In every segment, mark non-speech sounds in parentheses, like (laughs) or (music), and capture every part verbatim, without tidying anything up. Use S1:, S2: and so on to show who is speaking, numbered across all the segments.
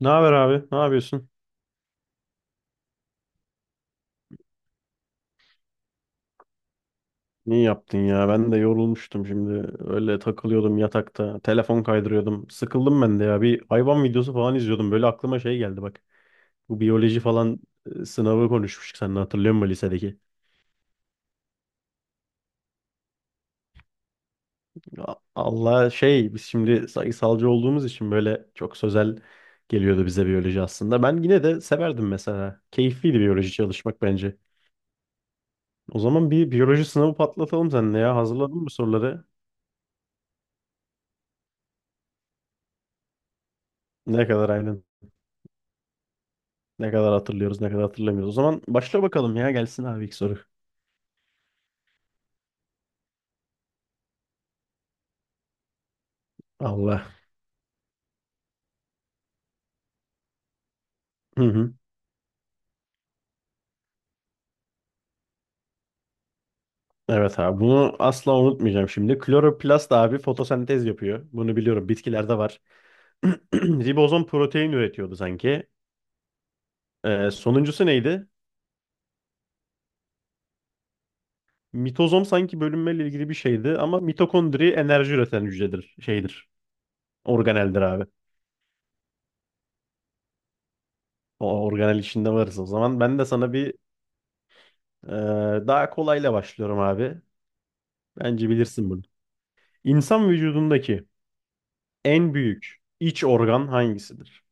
S1: Ne haber abi? Ne yapıyorsun? İyi yaptın ya. Ben de yorulmuştum şimdi. Öyle takılıyordum yatakta. Telefon kaydırıyordum. Sıkıldım ben de ya. Bir hayvan videosu falan izliyordum. Böyle aklıma şey geldi bak. Bu biyoloji falan e, sınavı konuşmuştuk seninle hatırlıyor musun lisedeki? A- Allah şey biz şimdi sayısalcı olduğumuz için böyle çok sözel geliyordu bize biyoloji aslında. Ben yine de severdim mesela. Keyifliydi biyoloji çalışmak bence. O zaman bir biyoloji sınavı patlatalım seninle ya. Hazırladın mı soruları? Ne kadar aynen. Ne kadar hatırlıyoruz, ne kadar hatırlamıyoruz. O zaman başla bakalım ya gelsin abi ilk soru. Allah. Hı hı. Evet abi bunu asla unutmayacağım şimdi. Kloroplast abi fotosentez yapıyor. Bunu biliyorum bitkilerde var. (clears throat) Ribozom protein üretiyordu sanki. Ee, sonuncusu neydi? Mitozom sanki bölünmeyle ilgili bir şeydi ama mitokondri enerji üreten hücredir, şeydir. Organeldir abi. O organel içinde varız o zaman. Ben de sana bir e, daha kolayla başlıyorum abi. Bence bilirsin bunu. İnsan vücudundaki en büyük iç organ hangisidir?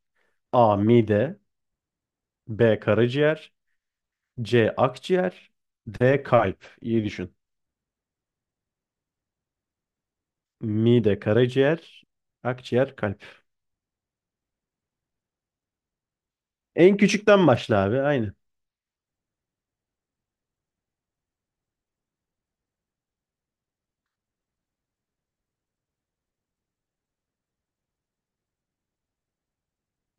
S1: A. Mide. B. Karaciğer. C. Akciğer. D. Kalp. İyi düşün. Mide, karaciğer, akciğer, kalp. En küçükten başla abi. Aynı.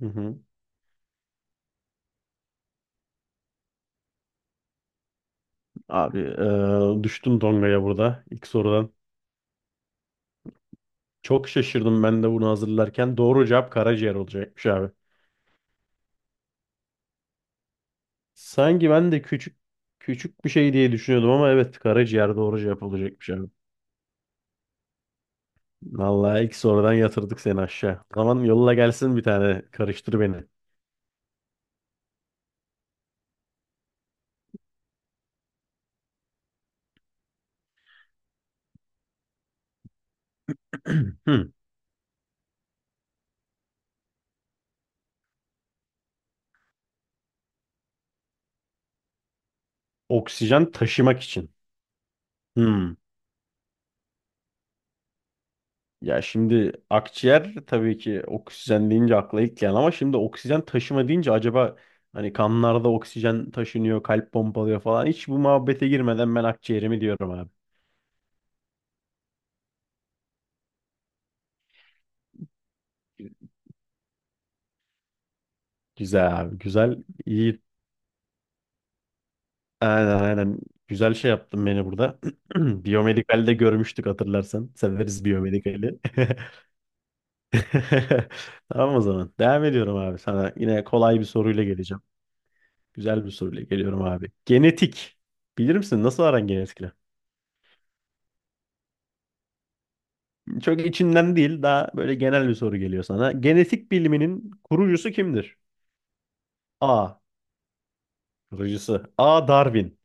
S1: Hı hı. Abi eee, düştüm dongaya burada ilk sorudan. Çok şaşırdım ben de bunu hazırlarken. Doğru cevap karaciğer olacakmış abi. Sanki ben de küçük küçük bir şey diye düşünüyordum ama evet karaciğer doğru cevap olacakmış abi. Vallahi ilk sorudan yatırdık seni aşağı. O zaman yolla gelsin bir tane karıştır beni. (clears throat) Hmm. Oksijen taşımak için. Hmm. Ya şimdi akciğer tabii ki oksijen deyince akla ilk gelen ama şimdi oksijen taşıma deyince acaba hani kanlarda oksijen taşınıyor, kalp pompalıyor falan. Hiç bu muhabbete girmeden ben akciğerimi diyorum abi. Güzel abi, güzel. İyi. Aynen aynen. Güzel şey yaptın beni burada. (clears throat) Biyomedikal'de görmüştük hatırlarsan. Severiz biyomedikali. (laughs) (laughs) Tamam o zaman. Devam ediyorum abi sana. Yine kolay bir soruyla geleceğim. Güzel bir soruyla geliyorum abi. Genetik. Bilir misin? Nasıl aran genetikle? Çok içinden değil. Daha böyle genel bir soru geliyor sana. Genetik biliminin kurucusu kimdir? A. Kurucusu. A. Darwin.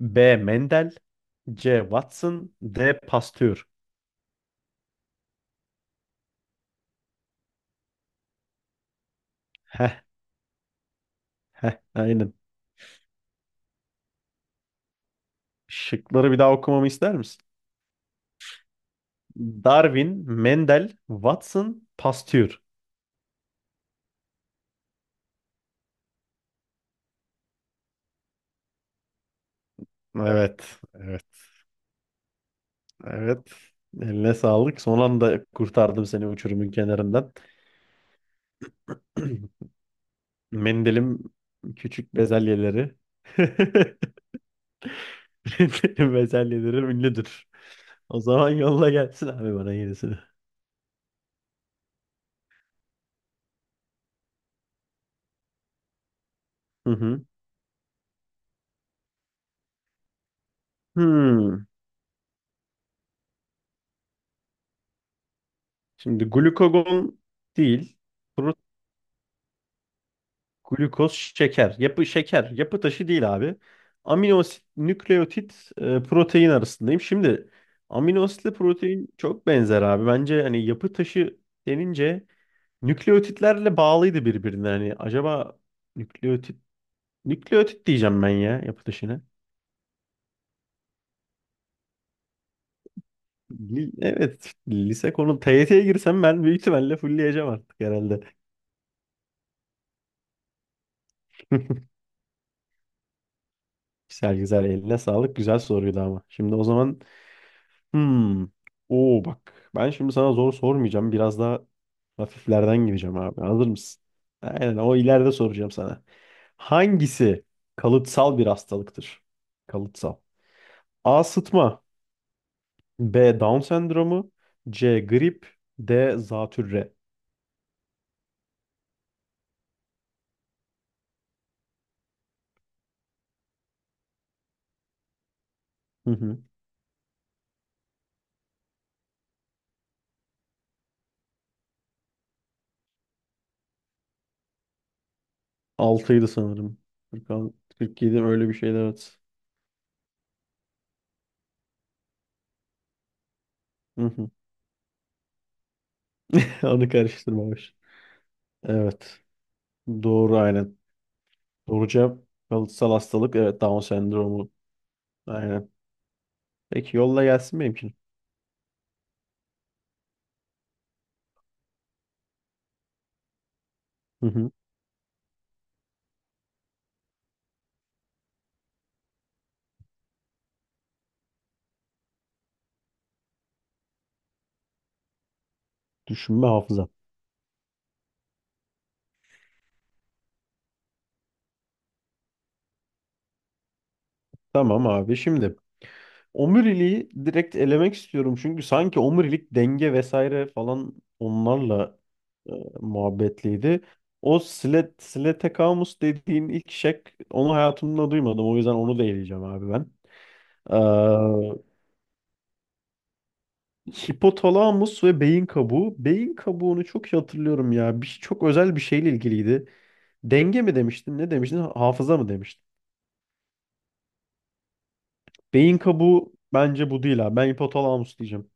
S1: B. Mendel. C. Watson. D. Pasteur. Heh. Heh. Aynen. Şıkları bir daha okumamı ister misin? Darwin, Mendel, Watson, Pasteur. Evet. Evet. Evet. Eline sağlık. Son anda kurtardım seni uçurumun kenarından. (clears throat) Mendelim küçük bezelyeleri. (laughs) Mendelim bezelyeleri ünlüdür. O zaman yolla gelsin abi bana yenisini. Hı hı. Hmm. Şimdi glukagon değil. Pro- Glukoz şeker. Yapı şeker. Yapı taşı değil abi. Amino asit, nükleotit, e, protein arasındayım. Şimdi amino asitle protein çok benzer abi. Bence hani yapı taşı denince nükleotitlerle bağlıydı birbirine. Hani acaba nükleotit nükleotit diyeceğim ben ya yapı dışına. Li- Evet, lise konu T Y T'ye girsem ben büyük ihtimalle fullleyeceğim artık herhalde. (laughs) Güzel güzel eline sağlık. Güzel soruydu ama. Şimdi o zaman hmm. Oo bak. Ben şimdi sana zor sormayacağım. Biraz daha hafiflerden gireceğim abi. Hazır mısın? Aynen o ileride soracağım sana. Hangisi kalıtsal bir hastalıktır? Kalıtsal. A. Sıtma. B. Down sendromu. C. Grip. D. Zatürre. Hı hı. altıydı sanırım. kırk altı, kırk yedi öyle bir şeydi evet. Hı hı. (laughs) Onu karıştırmamış. Evet. Doğru aynen. Doğru cevap kalıtsal hastalık. Evet, Down sendromu. Aynen. Peki yolla gelsin benimkini. Hı hı. Düşünme hafıza. Tamam abi şimdi. Omuriliği direkt elemek istiyorum çünkü sanki omurilik denge vesaire falan onlarla e, muhabbetliydi. O Slet, Sletekamus dediğin ilk şek onu hayatımda duymadım. O yüzden onu da eleyeceğim abi ben. Ee, hipotalamus ve beyin kabuğu. Beyin kabuğunu çok iyi hatırlıyorum ya. Bir, çok özel bir şeyle ilgiliydi. Denge mi demiştin? Ne demiştin? Hafıza mı demiştin? Beyin kabuğu bence bu değil abi. Ben hipotalamus diyeceğim.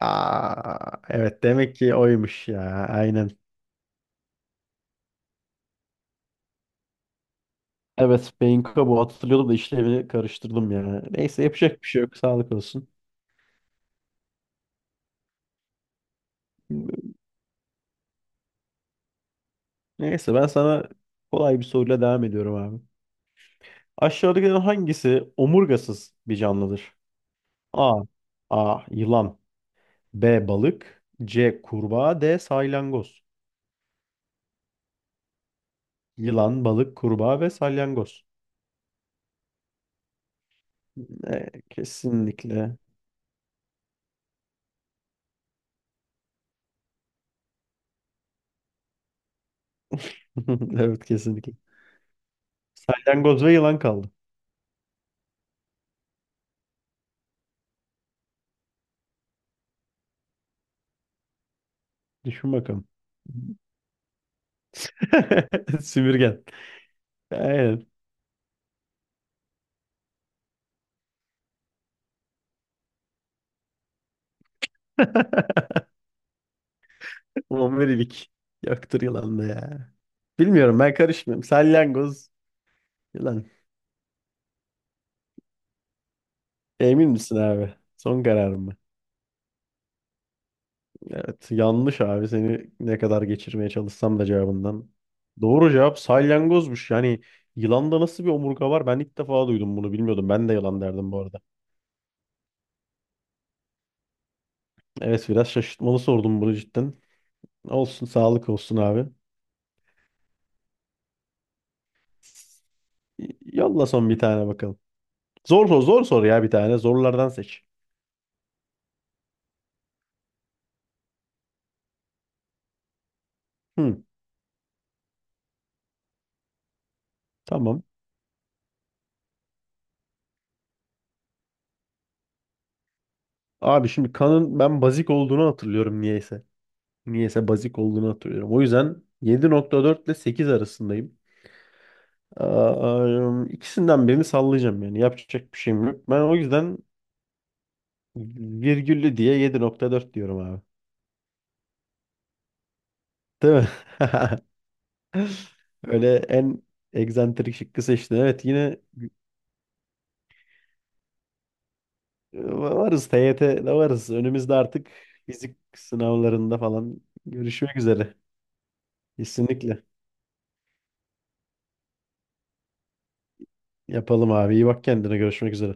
S1: Aa, evet demek ki oymuş ya. Aynen. Evet, Benko bu hatırlıyordum da işlevini karıştırdım ya. Neyse yapacak bir şey yok. Sağlık olsun. Neyse ben sana kolay bir soruyla devam ediyorum abi. Aşağıdakilerin hangisi omurgasız bir canlıdır? A. A. Yılan. B. Balık. C. Kurbağa. D. Salyangoz. Yılan, balık, kurbağa ve salyangoz. E, kesinlikle. (laughs) Evet kesinlikle. Salyangoz ve yılan kaldı. Düşün bakalım. (laughs) Sümürgen. Aynen. (laughs) Omurilik, yoktur yılan da ya. Bilmiyorum ben karışmıyorum. Salyangoz yılan. Emin misin abi? Son kararım mı? Evet yanlış abi seni ne kadar geçirmeye çalışsam da cevabından. Doğru cevap salyangozmuş. Yani yılanda nasıl bir omurga var? Ben ilk defa duydum bunu bilmiyordum. Ben de yılan derdim bu arada. Evet biraz şaşırtmalı sordum bunu cidden. Olsun sağlık olsun abi. Y- Yolla son bir tane bakalım. Zor soru zor soru ya bir tane. Zorlardan seç. Hı, tamam. Abi şimdi kanın ben bazik olduğunu hatırlıyorum niyeyse. Niyeyse bazik olduğunu hatırlıyorum. O yüzden yedi nokta dört ile sekiz arasındayım. Aa, ikisinden birini sallayacağım yani. Yapacak bir şeyim yok. Ben o yüzden virgüllü diye yedi nokta dört diyorum abi. Değil mi? (laughs) Öyle en egzantrik şıkkı seçtin. Evet yine ıı, varız T Y T'de varız. Önümüzde artık fizik sınavlarında falan görüşmek üzere. Kesinlikle. Yapalım abi. İyi bak kendine. Görüşmek üzere.